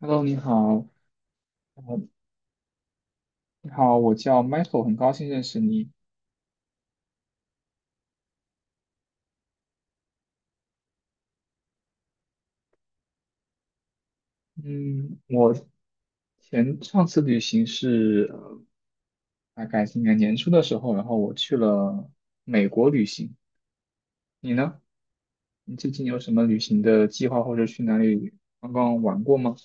OK，Hello，你好，呃，你好，我叫 Michael，很高兴认识你。嗯，我上次旅行是大概今年年初的时候，然后我去了美国旅行。你呢？你最近有什么旅行的计划，或者去哪里刚刚玩过吗？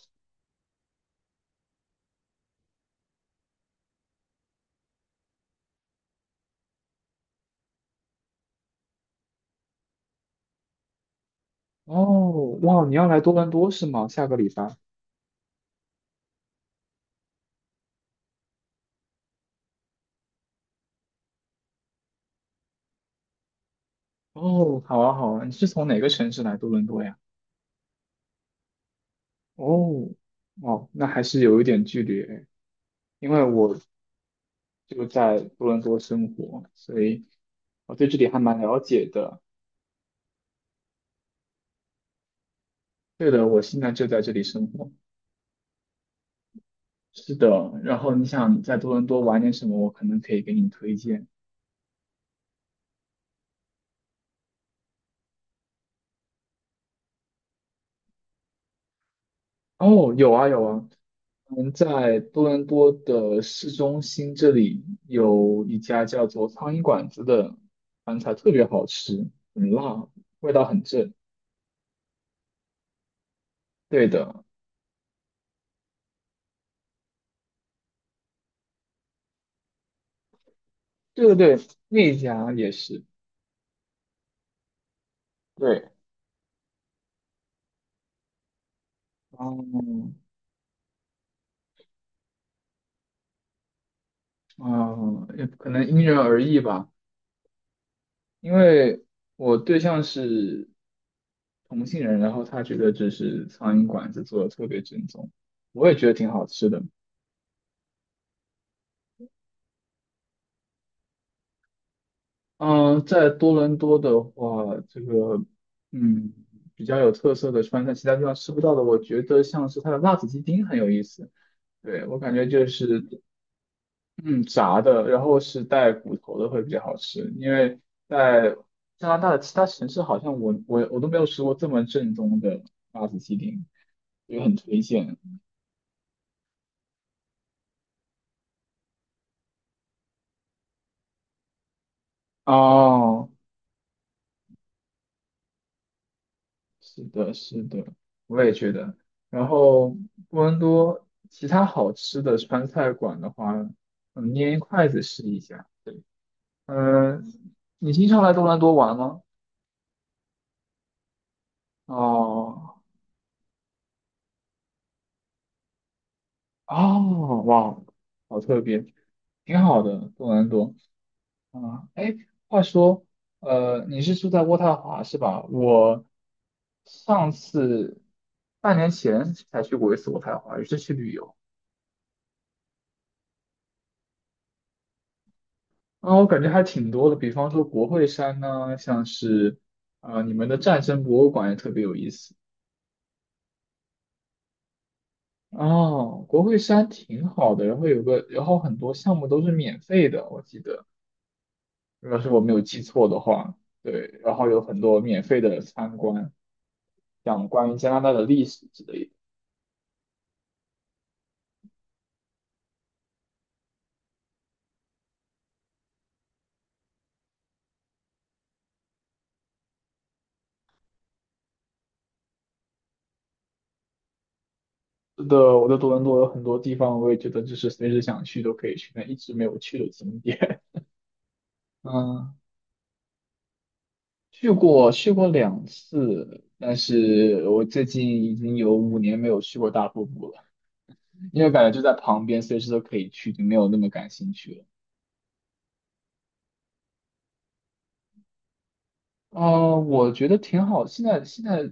哦，哇，你要来多伦多是吗？下个礼拜。哦，好啊，好啊，你是从哪个城市来多伦多呀？哦，哦，那还是有一点距离诶，因为我就在多伦多生活，所以我对这里还蛮了解的。对的，我现在就在这里生活。是的，然后你想在多伦多玩点什么，我可能可以给你推荐。哦，有啊有啊，嗯，在多伦多的市中心这里有一家叫做苍蝇馆子的饭菜，特别好吃，很辣，味道很正。对的，对对对，那一家也是。对，嗯嗯，也可能因人而异吧。因为我对象是同性人，然后他觉得就是苍蝇馆子做的特别正宗，我也觉得挺好吃的。嗯，在多伦多的话，这个嗯比较有特色的川菜，其他地方吃不到的，我觉得像是它的辣子鸡丁很有意思。对，我感觉就是嗯炸的，然后是带骨头的会比较好吃，因为在加拿大的其他城市好像我都没有吃过这么正宗的辣子鸡丁。也很推荐。哦，是的，是的，我也觉得。然后多伦多其他好吃的川菜馆的话，嗯，捏一筷子试一下。对，嗯，你经常来多伦多玩吗？哦，哦，哇，好特别，挺好的，多伦多。啊，哎，话说，你是住在渥太华是吧？我上次半年前才去过一次渥太华，也是去旅游。啊，我感觉还挺多的，比方说国会山呢，像是你们的战争博物馆也特别有意思。哦，国会山挺好的，然后有个，然后很多项目都是免费的，我记得，如果是我没有记错的话，对，然后有很多免费的参观，讲关于加拿大的历史之类的。是的，我在多伦多有很多地方，我也觉得就是随时想去都可以去，但一直没有去的景点。嗯，去过2次，但是我最近已经有五年没有去过大瀑布了，因为感觉就在旁边，随时都可以去，就没有那么感兴趣了。我觉得挺好，现在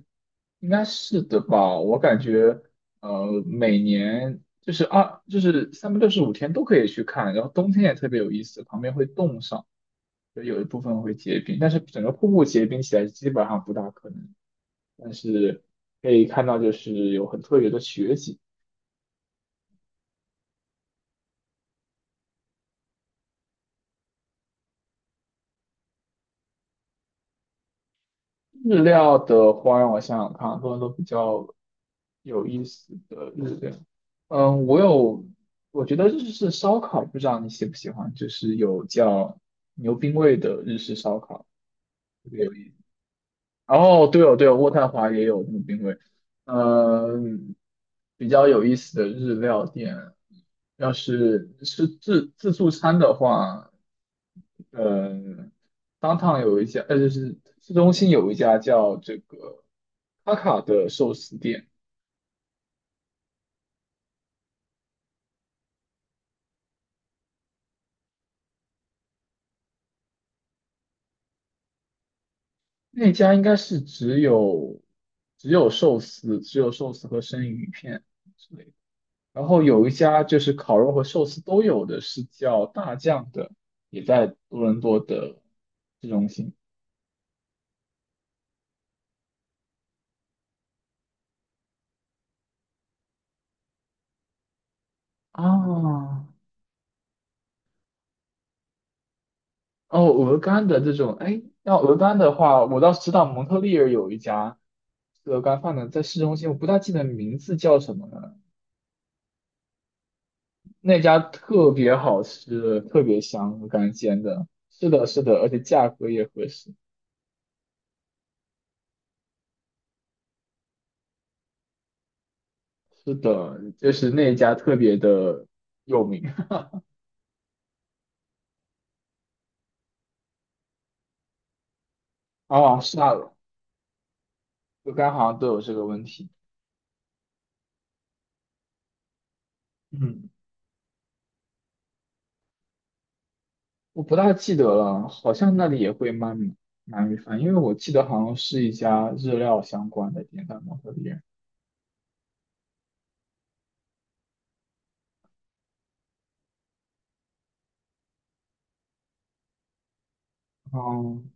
应该是的吧，我感觉每年就是二就是365天都可以去看，然后冬天也特别有意思，旁边会冻上，就有一部分会结冰，但是整个瀑布结冰起来基本上不大可能，但是。可以看到，就是有很特别的雪景。日料的话，让我想想看，多伦多比较有意思的日料。嗯，我有，我觉得日式烧烤，不知道你喜不喜欢，就是有叫牛冰味的日式烧烤。特别有意思。哦，对哦，对哦，渥太华也有这个冰柜。嗯，比较有意思的日料店，要是是自助餐的话，嗯，有一家，就是市中心有一家叫这个卡卡的寿司店，那家应该是只有寿司，只有寿司和生鱼片。然后有一家就是烤肉和寿司都有的，是叫大酱的，也在多伦多的市中心。哦，哦，鹅肝的这种，哎，要鹅肝的话，我倒是知道蒙特利尔有一家吃鹅肝饭的，在市中心，我不大记得名字叫什么了。那家特别好吃，特别香，鹅肝煎的。是的，是的，而且价格也合适。是的，就是那家特别的有名哦 是啊，鹅肝好像都有这个问题。嗯，我不大记得了，好像那里也会卖鳗鱼饭，因为我记得好像是一家日料相关的店在蒙特利尔。嗯，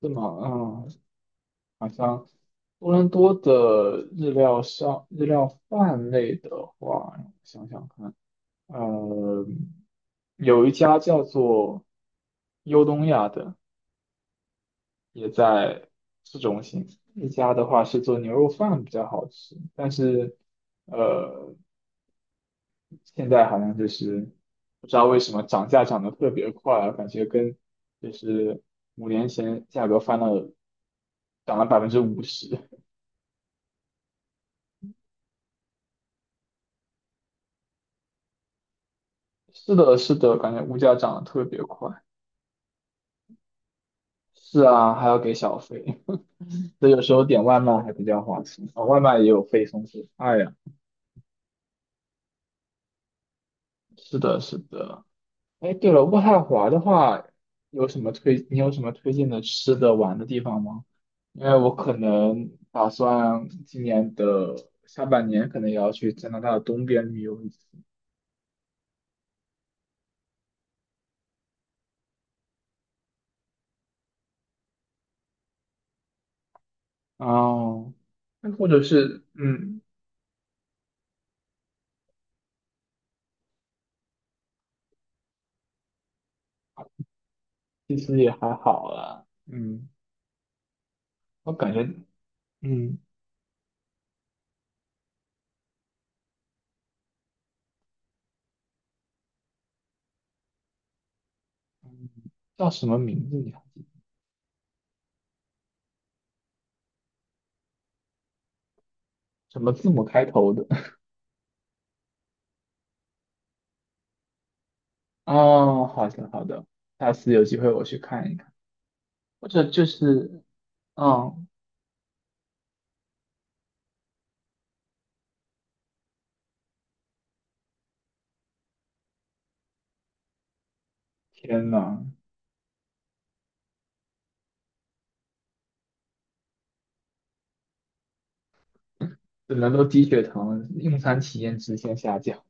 是吗？嗯，好像多伦多的日料上日料饭类的话，让我想想看，呃，有一家叫做优东亚的，也在市中心。一家的话是做牛肉饭比较好吃，但是。呃。现在好像就是不知道为什么涨价涨得特别快啊，感觉跟就是5年前价格翻了，涨了50%。是的，是的，感觉物价涨得特别快。是啊，还要给小费，所以有时候点外卖还比较划算，哦，外卖也有配送费。哎呀，是的，是的。哎，对了，渥太华的话，有什么推？你有什么推荐的吃的、玩的地方吗？因为我可能打算今年的下半年可能也要去加拿大的东边旅游一次。哦，那或者是，嗯，其实也还好啦。嗯，我感觉，嗯，嗯叫什么名字你还记得？什么字母开头的？哦，好的好的，下次有机会我去看一看。或者就是，嗯，天呐！只能都低血糖，用餐体验直线下降，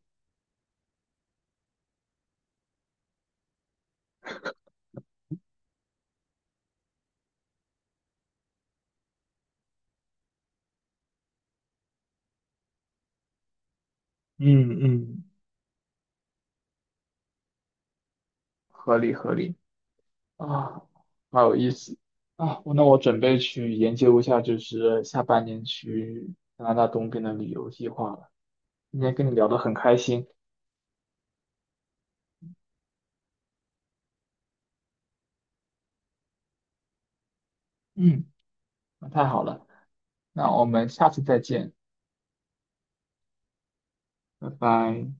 嗯嗯，合理合理啊，好有意思啊！那我准备去研究一下，就是下半年去加拿大东边的旅游计划了。今天跟你聊得很开心，嗯，那太好了，那我们下次再见，拜拜。